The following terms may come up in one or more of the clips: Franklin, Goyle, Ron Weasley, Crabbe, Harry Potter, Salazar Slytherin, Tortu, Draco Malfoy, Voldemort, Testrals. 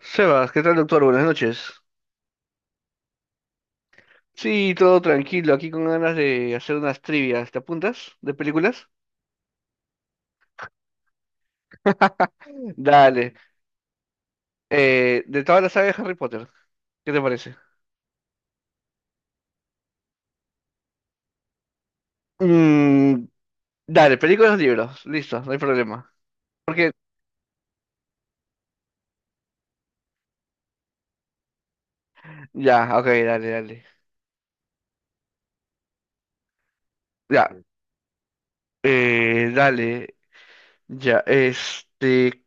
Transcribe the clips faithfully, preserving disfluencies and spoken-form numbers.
Sebas, ¿qué tal, doctor? Buenas noches. Sí, todo tranquilo, aquí con ganas de hacer unas trivias. ¿Te apuntas? ¿De películas? Dale. Eh, de toda la saga de Harry Potter, ¿qué te parece? Mm, dale, películas o libros. Listo, no hay problema. Porque, ya, ok, dale, dale. Ya, eh, Dale. Ya, este,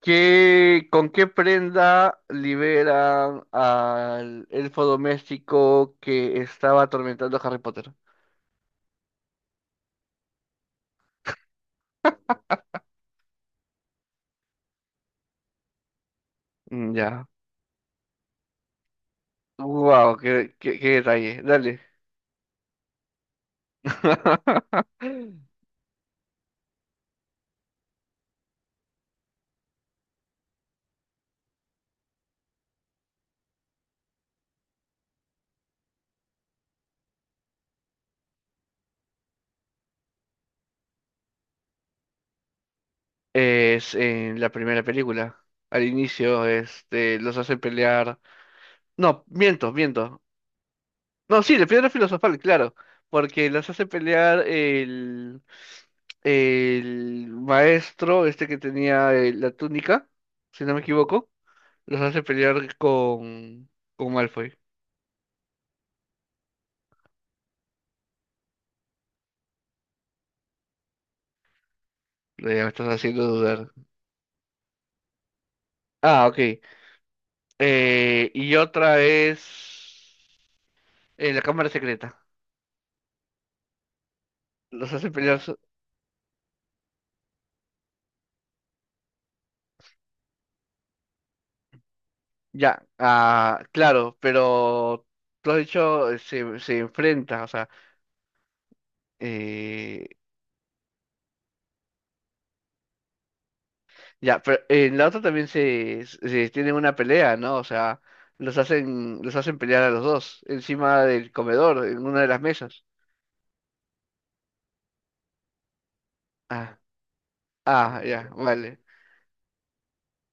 ¿qué, con qué prenda liberan al elfo doméstico que estaba atormentando a Harry Potter? Mm. Ya. Wow, qué, qué, qué detalle. Dale. Es en la primera película. Al inicio, este, los hace pelear. No, miento, miento. No, sí, la piedra filosofal, claro. Porque los hace pelear el, el maestro, este que tenía eh, la túnica, si no me equivoco. Los hace pelear con, con Malfoy. Ya me estás haciendo dudar. Ah, ok. Eh, y otra es. Eh, la cámara secreta. Los hace pelear. so- Ya, ah, claro, pero tú has dicho eh, se, se enfrenta, o sea, eh, ya, pero en la otra también se, se tienen una pelea, ¿no? O sea, los hacen, los hacen pelear a los dos, encima del comedor, en una de las mesas. Ah. Ah, ya, vale.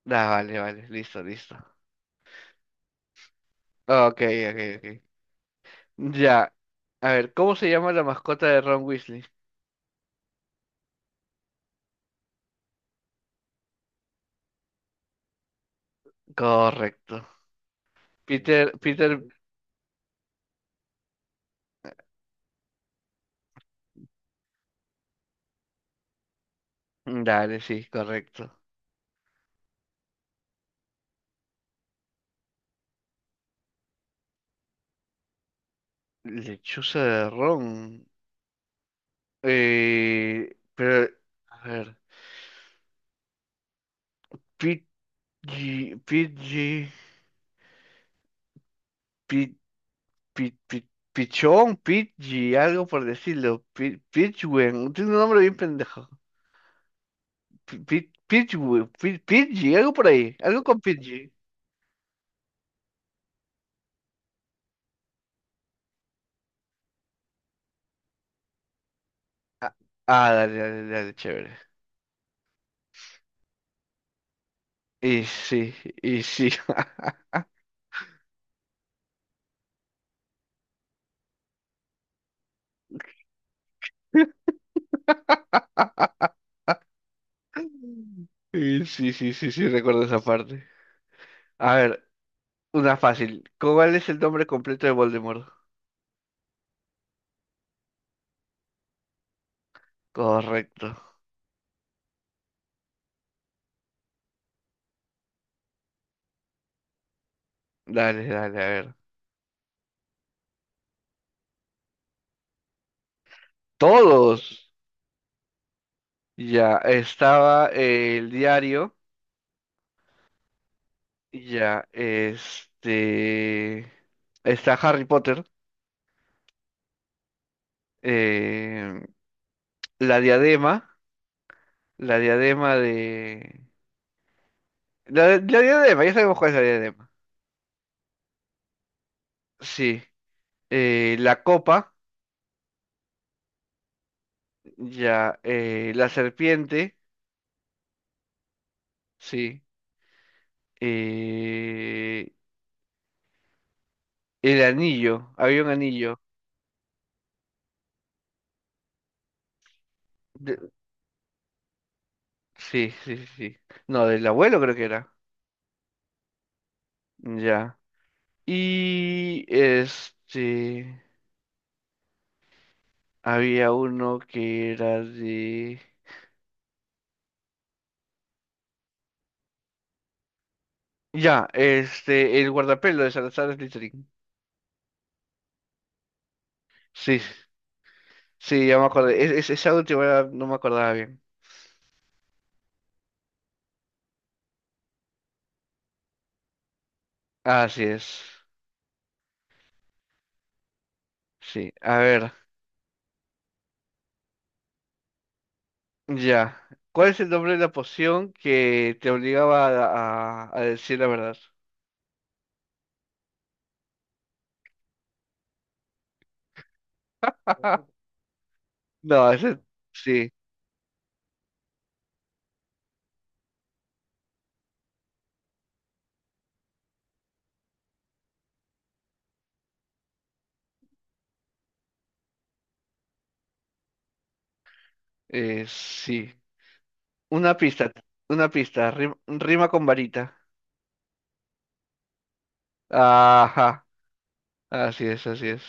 Ah, vale, vale, listo, listo. Ok, ok, ok. Ya. A ver, ¿cómo se llama la mascota de Ron Weasley? Correcto. Peter, Peter, Dale, sí, correcto. Lechuza de ron. Eh, pero, a ver. Pidgey, Pidgey, Pid, Pid, Pid- Pichón, Pidgey, algo por decirlo. Pi- Pidgewen, tiene un nombre bien pendejo. Pi- Pi- Pidgewen, Pi- Pidgey, algo por ahí, algo con Pidgey. Ah, ah, dale, dale, dale, chévere. Y sí, y sí. Y, sí, sí, sí, sí, recuerdo esa parte. A ver, una fácil. ¿Cuál es el nombre completo de Voldemort? Correcto. Dale, dale, a ver. Todos. Ya estaba eh, el diario. Ya, este. Está Harry Potter. eh, la diadema. La diadema de. La, la diadema, ya sabemos cuál es la diadema. Sí. Eh, la copa. Ya. Eh, la serpiente. Sí. eh, el anillo. Había un anillo. De- sí, sí, sí. sí. No, del abuelo creo que era. Ya. Y este, Había uno que era de... Ya, este, el guardapelo de Salazar Slytherin. Sí, sí, ya me acordé. Es, es- esa última era- no me acordaba bien. Así es. Sí, a ver, ya. ¿Cuál es el nombre de la poción que te obligaba a, a- a decir la verdad? No, ese, sí, eh, sí. Una pista, una pista, rim- rima con varita. Ajá, así es, así es.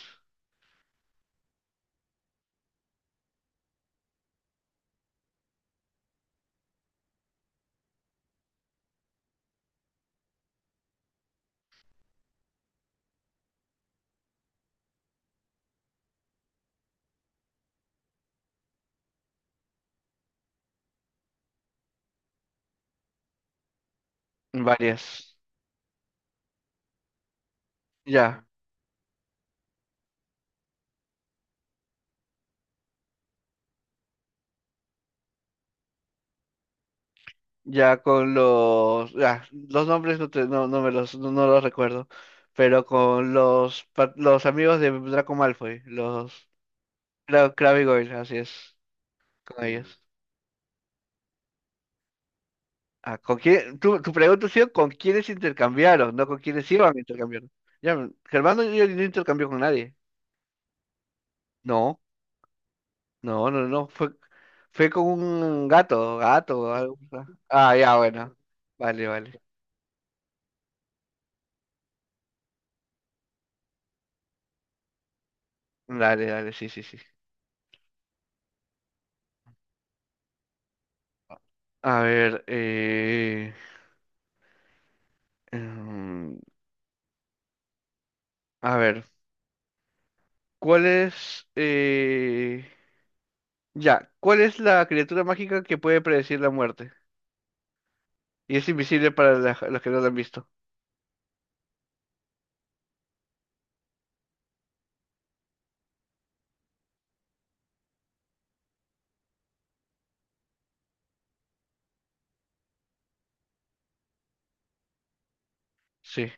Varias. Ya, ya con los, ya, los nombres no, te- no, no me los, no, no los recuerdo, pero con los, pa- los amigos de Draco Malfoy, los Cra- Crabbe y Goyle, así es, con ellos. Ah, ¿con quién? Tu, tu pregunta ha sido con quiénes intercambiaron, no con quiénes iban a intercambiar. Ya, Germán no, yo no intercambió con nadie. No. No, no, no, fue, fue con un gato, gato, o algo. Ah, ya, bueno. Vale, vale. Dale, dale, sí, sí, sí. A ver, eh, em, a ver, ¿cuál es, eh, ya, ¿Cuál es la criatura mágica que puede predecir la muerte? Y es invisible para la- los que no la han visto. Sí,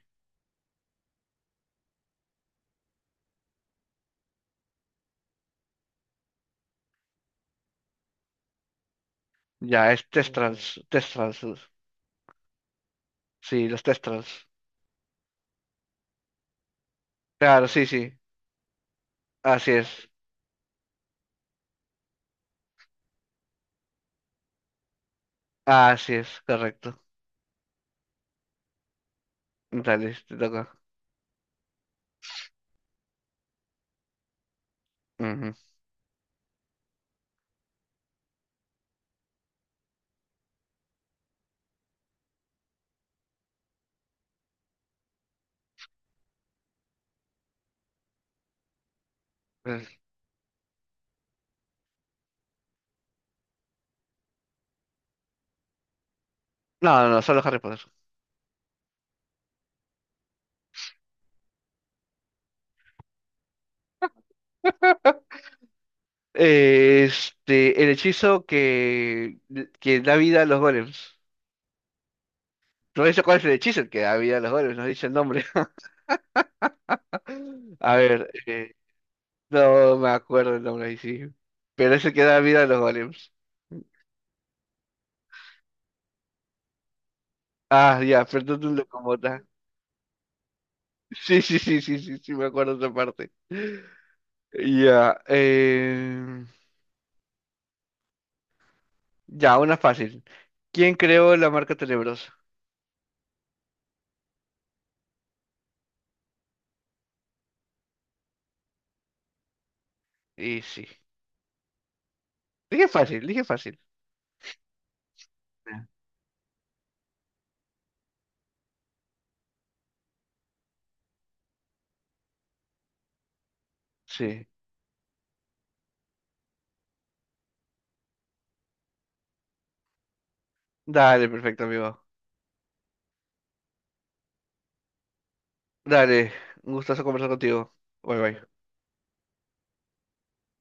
ya, es Mm, Testrals, Testrals, sí, los Testrals. Claro, sí, ok. Sí, así es, así es, correcto. Dale, te toca. Ujú. No, no, no, solo Harry Potter. Eh, Este, el hechizo que, que da vida a los golems. No dice cuál es el hechizo el que da vida a los golems, no dice el nombre. A ver, eh, no me acuerdo el nombre ahí sí. Pero es el que da vida a los golems. Ah, ya, perdón un locomota. Sí, sí, sí, sí, sí, sí, me acuerdo de esa parte. Ya, eh, ya, una fácil. ¿Quién creó la marca Tenebrosa? Y sí. Dije fácil, dije fácil. Ah. Sí. Dale, perfecto, amigo. Dale, un gustazo conversar contigo. Bye bye.